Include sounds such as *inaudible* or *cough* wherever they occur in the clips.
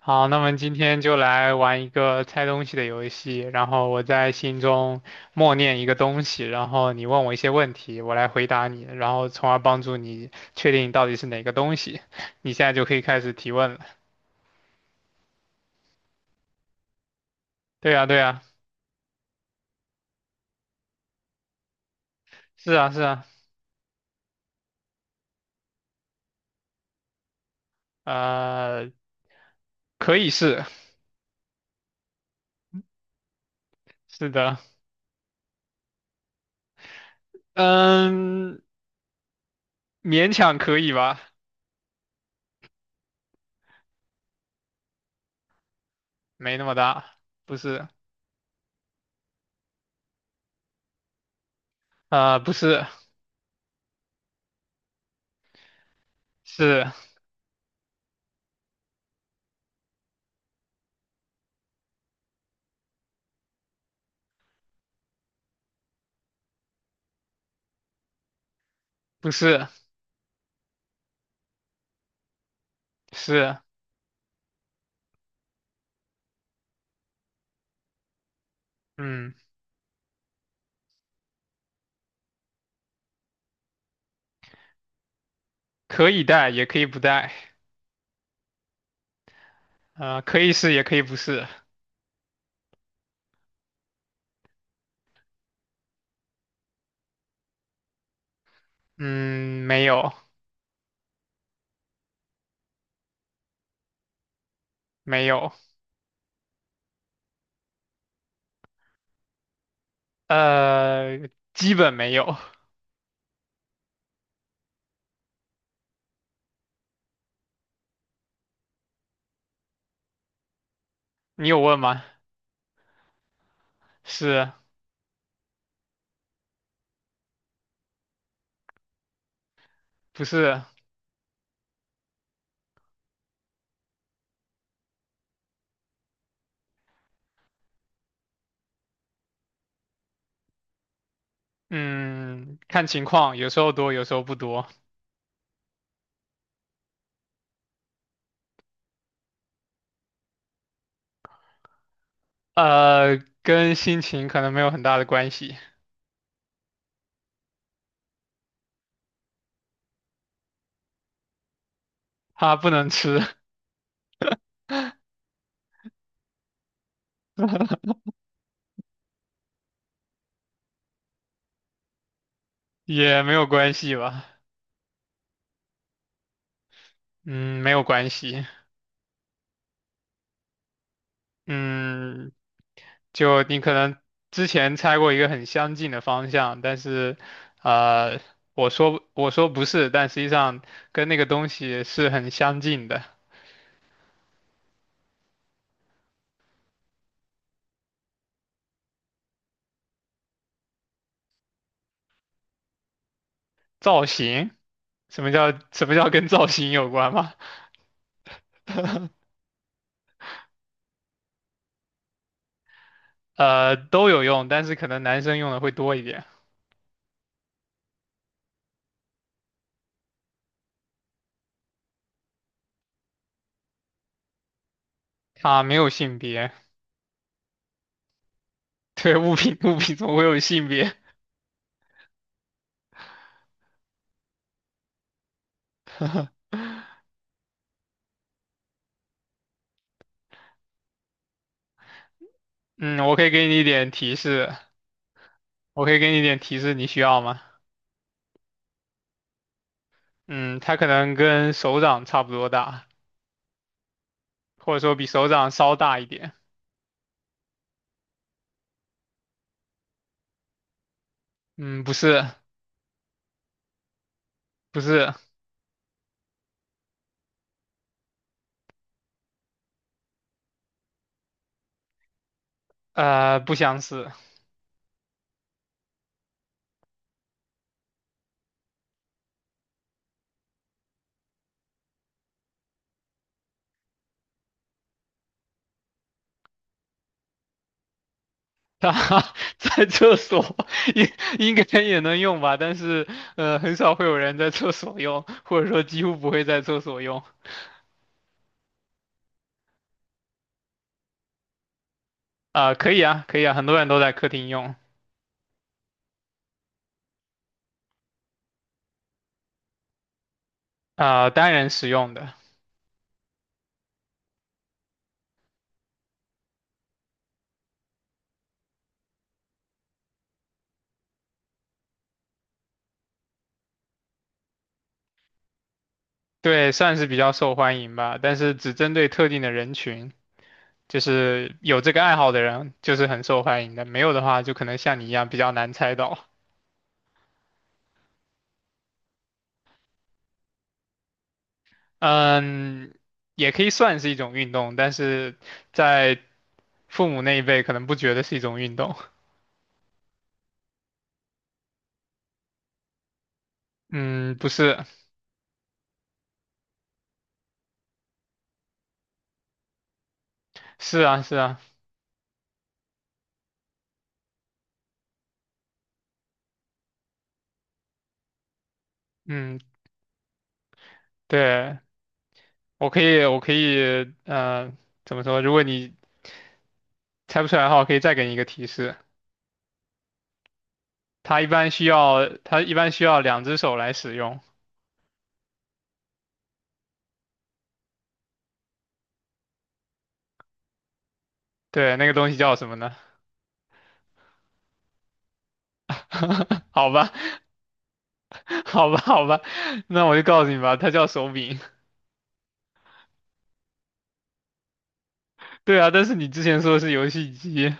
好，那么今天就来玩一个猜东西的游戏，然后我在心中默念一个东西，然后你问我一些问题，我来回答你，然后从而帮助你确定到底是哪个东西。你现在就可以开始提问了。对呀，对呀，是啊，是啊，呃，可以是，是的，嗯，勉强可以吧，没那么大，不是，不是，是，不是，是，嗯，可以带也可以不带。可以是也可以不是。嗯，没有没有，基本没有。你有问吗？是不是？嗯，看情况，有时候多，有时候不多。呃，跟心情可能没有很大的关系。它不能吃，*laughs* 也没有关系吧？嗯，没有关系。嗯，就你可能之前猜过一个很相近的方向，但是，呃，我说不是，但实际上跟那个东西是很相近的。造型，什么叫跟造型有关吗？呃，都有用，但是可能男生用的会多一点。啊，没有性别，对，物品怎么会有性别？嗯，我可以给你一点提示，我可以给你一点提示，你需要吗？嗯，它可能跟手掌差不多大。或者说比手掌稍大一点。嗯，不是，不是，不相似。*laughs* 它在厕所应应该也能用吧，但是很少会有人在厕所用，或者说几乎不会在厕所用。啊、可以啊，可以啊，很多人都在客厅用，啊、单人使用的，对，算是比较受欢迎吧，但是只针对特定的人群，就是有这个爱好的人，就是很受欢迎的，没有的话，就可能像你一样比较难猜到。嗯，也可以算是一种运动，但是在父母那一辈可能不觉得是一种运动。*laughs* 嗯，不是，是啊，是啊，嗯，对，我可以，我可以，呃，怎么说？如果你猜不出来的话，我可以再给你一个提示。它一般需要，它一般需要两只手来使用。对，那个东西叫什么呢？*laughs* 好吧，*laughs* 好吧，好吧，那我就告诉你吧，它叫手柄。*laughs* 对啊，但是你之前说的是游戏机。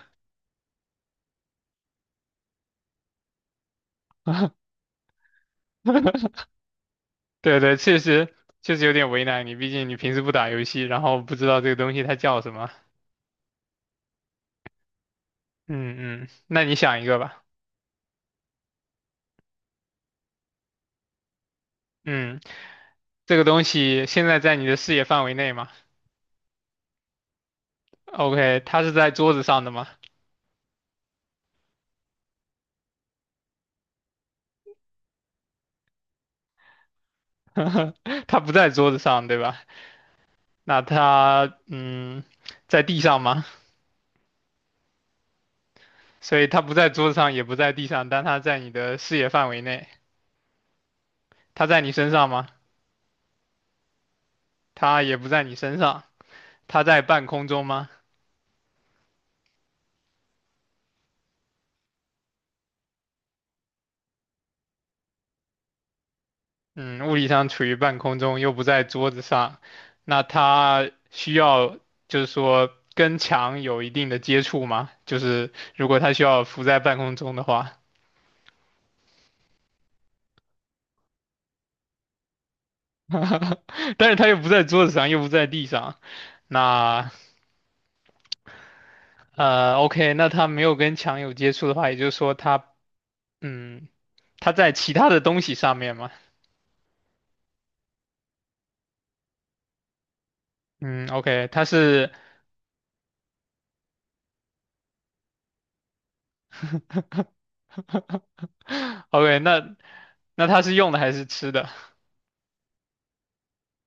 *laughs* 对对，确实有点为难你，毕竟你平时不打游戏，然后不知道这个东西它叫什么。嗯嗯，那你想一个吧。嗯，这个东西现在在你的视野范围内吗？OK，它是在桌子上的吗？*laughs* 它不在桌子上，对吧？那它嗯，在地上吗？所以它不在桌子上，也不在地上，但它在你的视野范围内。它在你身上吗？它也不在你身上。它在半空中吗？嗯，物理上处于半空中，又不在桌子上，那它需要就是说跟墙有一定的接触吗？就是如果它需要浮在半空中的话，*laughs* 但是它又不在桌子上，又不在地上，那OK，那它没有跟墙有接触的话，也就是说它嗯，它在其他的东西上面嘛，嗯，OK，它是 *laughs* OK，那它是用的还是吃的？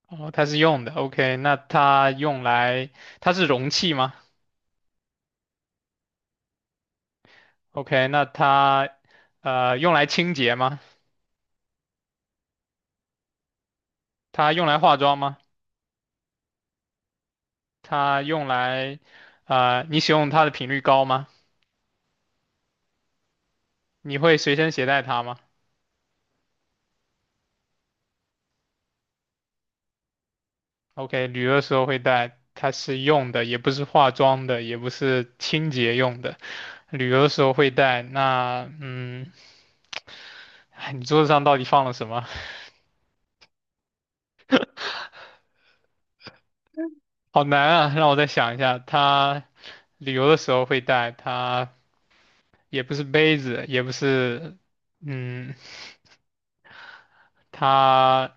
哦，它是用的，OK，那它用来，它是容器吗？OK，那它用来清洁吗？它用来化妆吗？它用来，你使用它的频率高吗？你会随身携带它吗？OK，旅游的时候会带，它是用的，也不是化妆的，也不是清洁用的，旅游的时候会带。那嗯，哎你桌子上到底放了什么？*laughs* 好难啊，让我再想一下，它旅游的时候会带它。也不是杯子，也不是，嗯，他，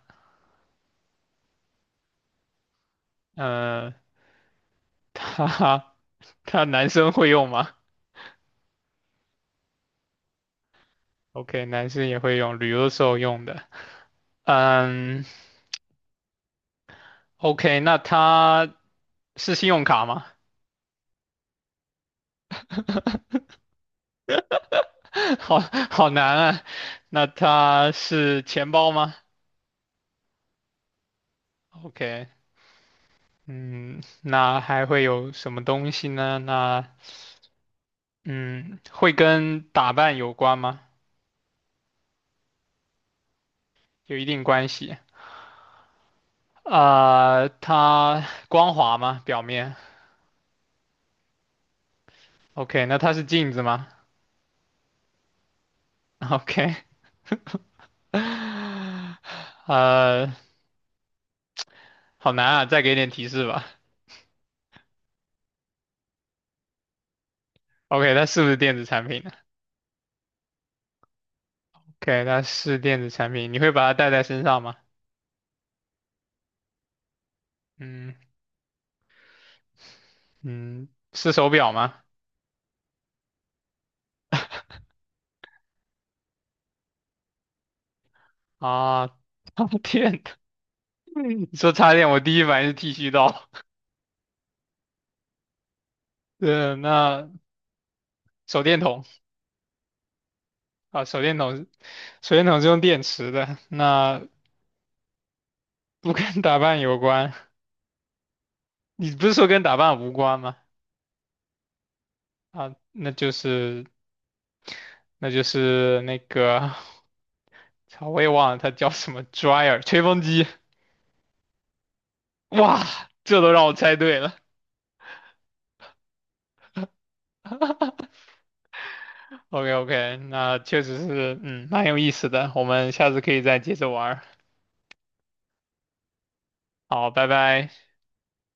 呃，他，*laughs* 他男生会用吗？OK，男生也会用，旅游的时候用的。嗯，OK，那他是信用卡吗？*laughs* 好好难啊。那他是钱包吗？OK，嗯，那还会有什么东西呢？那，嗯，会跟打扮有关吗？有一定关系。啊、它光滑吗？表面？OK，那它是镜子吗？OK，*laughs* 呃，好难啊，再给点提示吧。OK，它是不是电子产品呢？OK，它是电子产品，你会把它戴在身上吗？嗯嗯，是手表吗？啊，插电的，*laughs* 你说插电，我第一反应是剃须刀。*laughs* 对，那手电筒啊，手电筒是用电池的，那不跟打扮有关。你不是说跟打扮无关吗？啊，那就是那个，操，我也忘了它叫什么 dryer 吹风机。哇，这都让我猜对了。OK OK，那确实是，嗯，蛮有意思的。我们下次可以再接着玩儿好，拜拜。